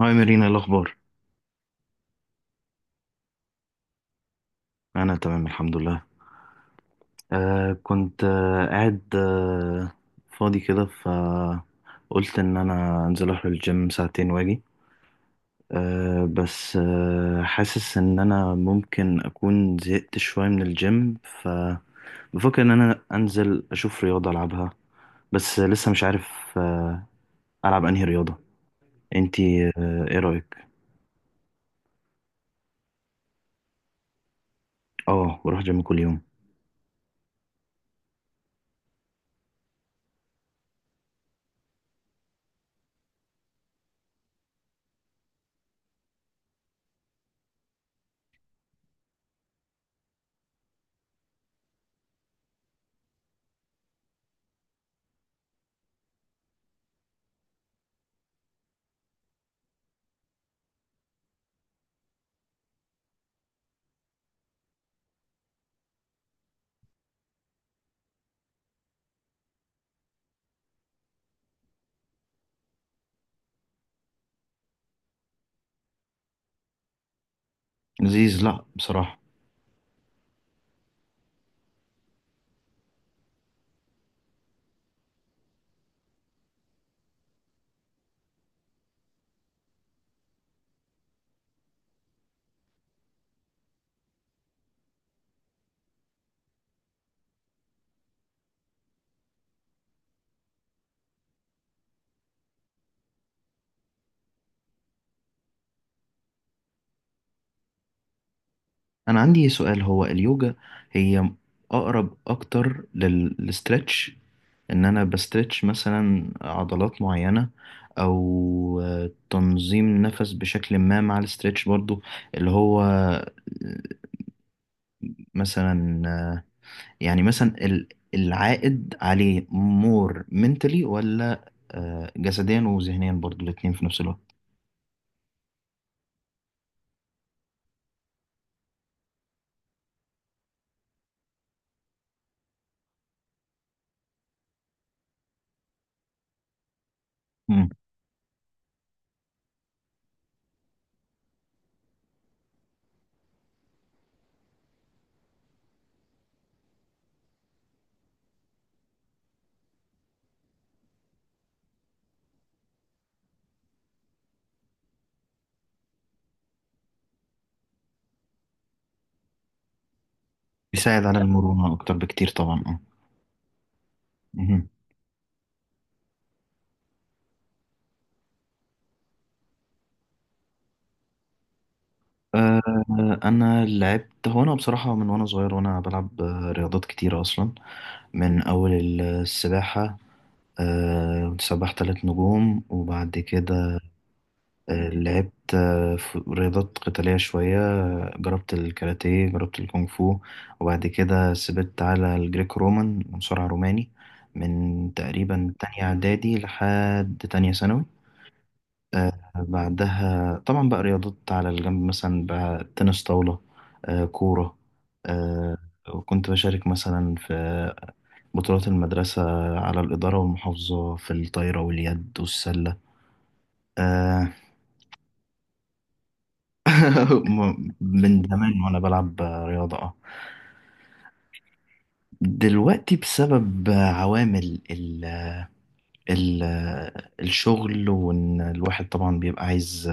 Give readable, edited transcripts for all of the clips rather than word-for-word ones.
هاي مارينا، إيه الأخبار؟ أنا تمام الحمد لله. كنت قاعد فاضي كده، فقلت إن أنا أنزل أروح الجيم ساعتين وأجي. بس حاسس إن أنا ممكن أكون زهقت شوية من الجيم، فبفكر إن أنا أنزل أشوف رياضة ألعبها، بس لسه مش عارف ألعب أنهي رياضة. أنتي إيه رأيك؟ آه، بروح جيم كل يوم. لذيذ. لأ بصراحة انا عندي سؤال، هو اليوجا هي اقرب اكتر للستريتش، ان انا بستريتش مثلا عضلات معينة، او تنظيم نفس بشكل ما مع الستريتش برضو، اللي هو آه، مثلا آه، يعني مثلا ال- العائد عليه مور منتلي ولا جسديا وذهنيا برضو الاتنين في نفس الوقت؟ مم. بيساعد على المرونة اكتر بكتير طبعا، اه. مهم. آه، انا لعبت، هو انا بصراحه من وانا صغير وانا بلعب رياضات كتيره اصلا. من اول السباحه، سباح ثلاث نجوم. وبعد كده لعبت رياضات قتاليه شويه، جربت الكاراتيه، جربت الكونغ فو. وبعد كده سبت على الجريك رومان، مصارع روماني، من تقريبا تانية اعدادي لحد تانية ثانوي. بعدها طبعا بقى رياضات على الجنب، مثلا بقى تنس طاولة، كورة. آه، وكنت بشارك مثلا في بطولات المدرسة على الإدارة والمحافظة في الطايرة واليد والسلة. آه، من زمان وأنا بلعب رياضة، اه. دلوقتي بسبب عوامل ال ال الشغل، وإن الواحد طبعا بيبقى عايز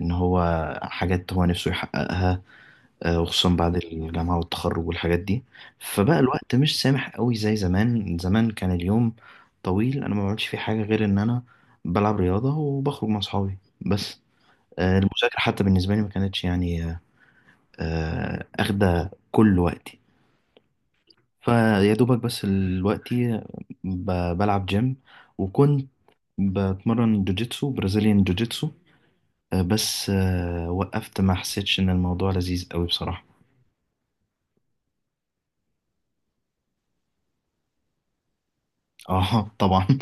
إن هو حاجات هو نفسه يحققها، وخصوصا بعد الجامعة والتخرج والحاجات دي، فبقى الوقت مش سامح قوي زي زمان. زمان كان اليوم طويل، انا ما بعملش فيه حاجة غير ان انا بلعب رياضة وبخرج مع اصحابي بس. المذاكرة حتى بالنسبة لي ما كانتش يعني اخدة كل وقتي، فيا دوبك. بس دلوقتي بلعب جيم، وكنت بتمرن جوجيتسو، برازيليان جوجيتسو، بس وقفت، ما حسيتش ان الموضوع لذيذ قوي بصراحة. اه طبعا.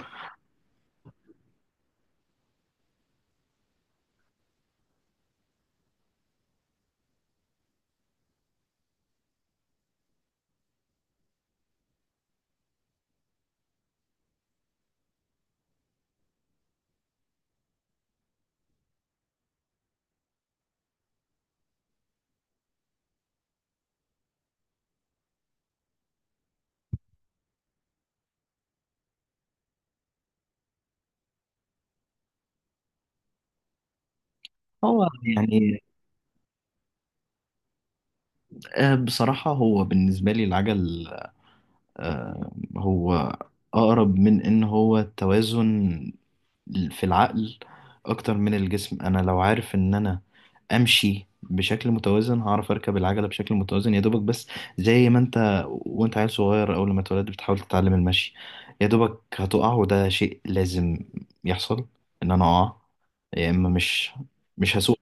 هو يعني آه، بصراحة هو بالنسبة لي العجل، آه، هو أقرب من إن هو توازن في العقل أكتر من الجسم. أنا لو عارف إن أنا أمشي بشكل متوازن هعرف أركب العجلة بشكل متوازن، يا دوبك. بس زي ما أنت وأنت عيل صغير أول ما اتولدت بتحاول تتعلم المشي، يا دوبك هتقع، وده شيء لازم يحصل إن أنا أقع، يا إما مش هسوق.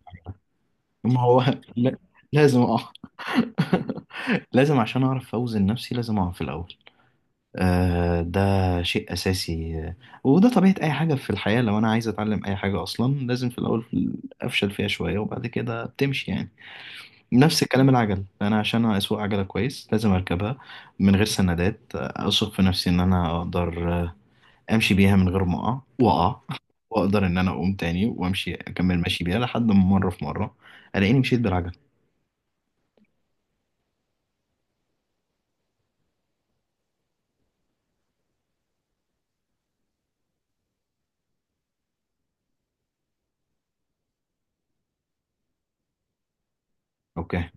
ما هو لا- لازم، اه. لازم، عشان اعرف اوزن نفسي لازم اقف في الاول. آه ده شيء اساسي. وده طبيعه اي حاجه في الحياه، لو انا عايز اتعلم اي حاجه اصلا لازم في الاول افشل فيها شويه، وبعد كده بتمشي يعني. نفس الكلام العجل، انا عشان اسوق عجله كويس لازم اركبها من غير سندات، اثق في نفسي ان انا اقدر امشي بيها من غير ما اقع. واقع واقدر ان انا اقوم تاني وامشي اكمل ماشي بيها لحد ما مره في مره الاقيني مشيت بالعجل. اوكي.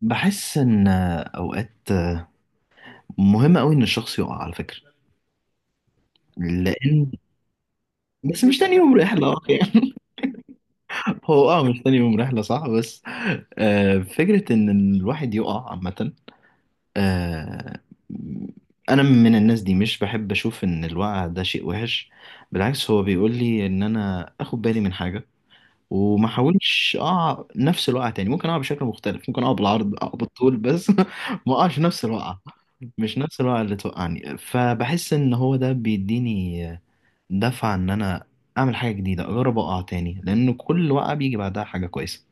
بحس ان اوقات مهم قوي ان الشخص يقع على فكره، لان بس مش تاني يوم رحله. يعني هو اه مش تاني يوم رحله صح، بس فكره ان الواحد يقع عامه، آه، انا من الناس دي مش بحب اشوف ان الوقع ده شيء وحش، بالعكس هو بيقول لي ان انا اخد بالي من حاجه وما احاولش اقع نفس الوقعه تاني. ممكن اقع بشكل مختلف، ممكن اقع بالعرض، اقع بالطول، بس ما اقعش نفس الوقعه، مش نفس الوقت اللي توقعني. فبحس ان هو ده بيديني دفعة ان انا اعمل حاجة جديدة، اجرب اقع تاني، لان كل وقعة بيجي بعدها حاجة كويسة.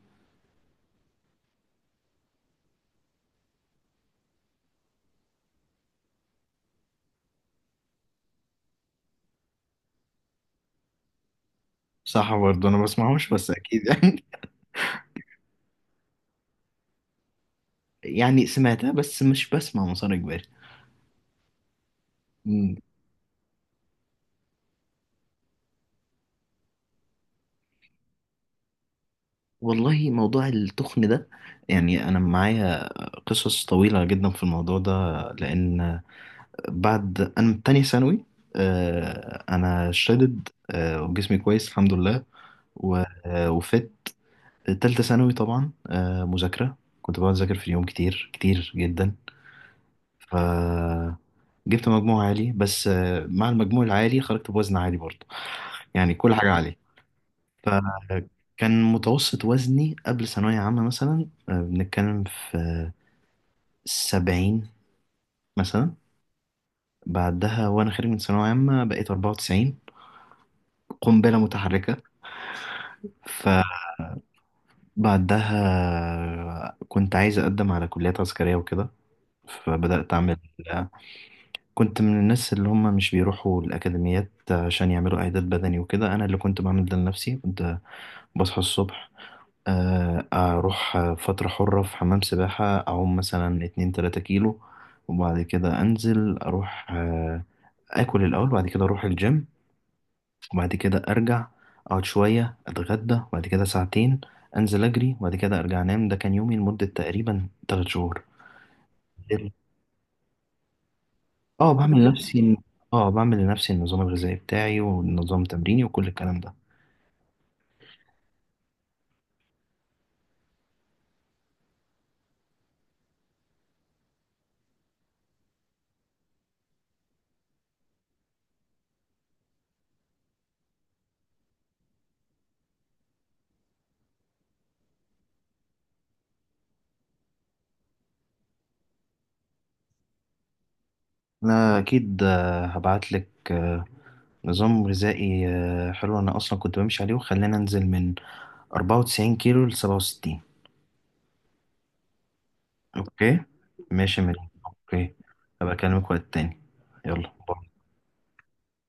صح برضه. انا بسمعهوش بس اكيد يعني. يعني سمعتها بس مش بسمع مسار اجباري. أمم. والله موضوع التخن ده، يعني انا معايا قصص طويلة جدا في الموضوع ده. لان بعد انا من تانية ثانوي انا شدد وجسمي كويس الحمد لله. و- وفت تالتة ثانوي طبعا مذاكرة، كنت بقعد أذاكر في اليوم كتير كتير جدا. ف جبت مجموع عالي، بس مع المجموع العالي خرجت بوزن عالي برضه، يعني كل حاجة عالية. فكان متوسط وزني قبل ثانوية عامة مثلا بنتكلم في سبعين مثلا. بعدها وأنا خارج من ثانوية عامة بقيت أربعة وتسعين، قنبلة متحركة. فبعدها كنت عايز أقدم على كليات عسكرية وكده، فبدأت أعمل، كنت من الناس اللي هم مش بيروحوا الأكاديميات عشان يعملوا إعداد بدني وكده. أنا اللي كنت بعمل ده لنفسي، كنت بصحى الصبح أروح فترة حرة في حمام سباحة، أعوم مثلا اتنين تلاتة كيلو، وبعد كده أنزل أروح آكل الأول، وبعد كده أروح الجيم، وبعد كده أرجع أقعد شوية أتغدى، وبعد كده ساعتين أنزل أجري، وبعد كده أرجع أنام. ده كان يومي لمدة تقريبا تلات شهور. اه بعمل انت لنفسي الن- اه بعمل لنفسي النظام الغذائي بتاعي والنظام تمريني وكل الكلام ده. انا اكيد هبعت لك نظام غذائي حلو، انا اصلا كنت بمشي عليه وخلينا انزل من 94 كيلو ل 67. اوكي. ماشي يا مريم، اوكي. هبقى اكلمك وقت تاني. يلا باي.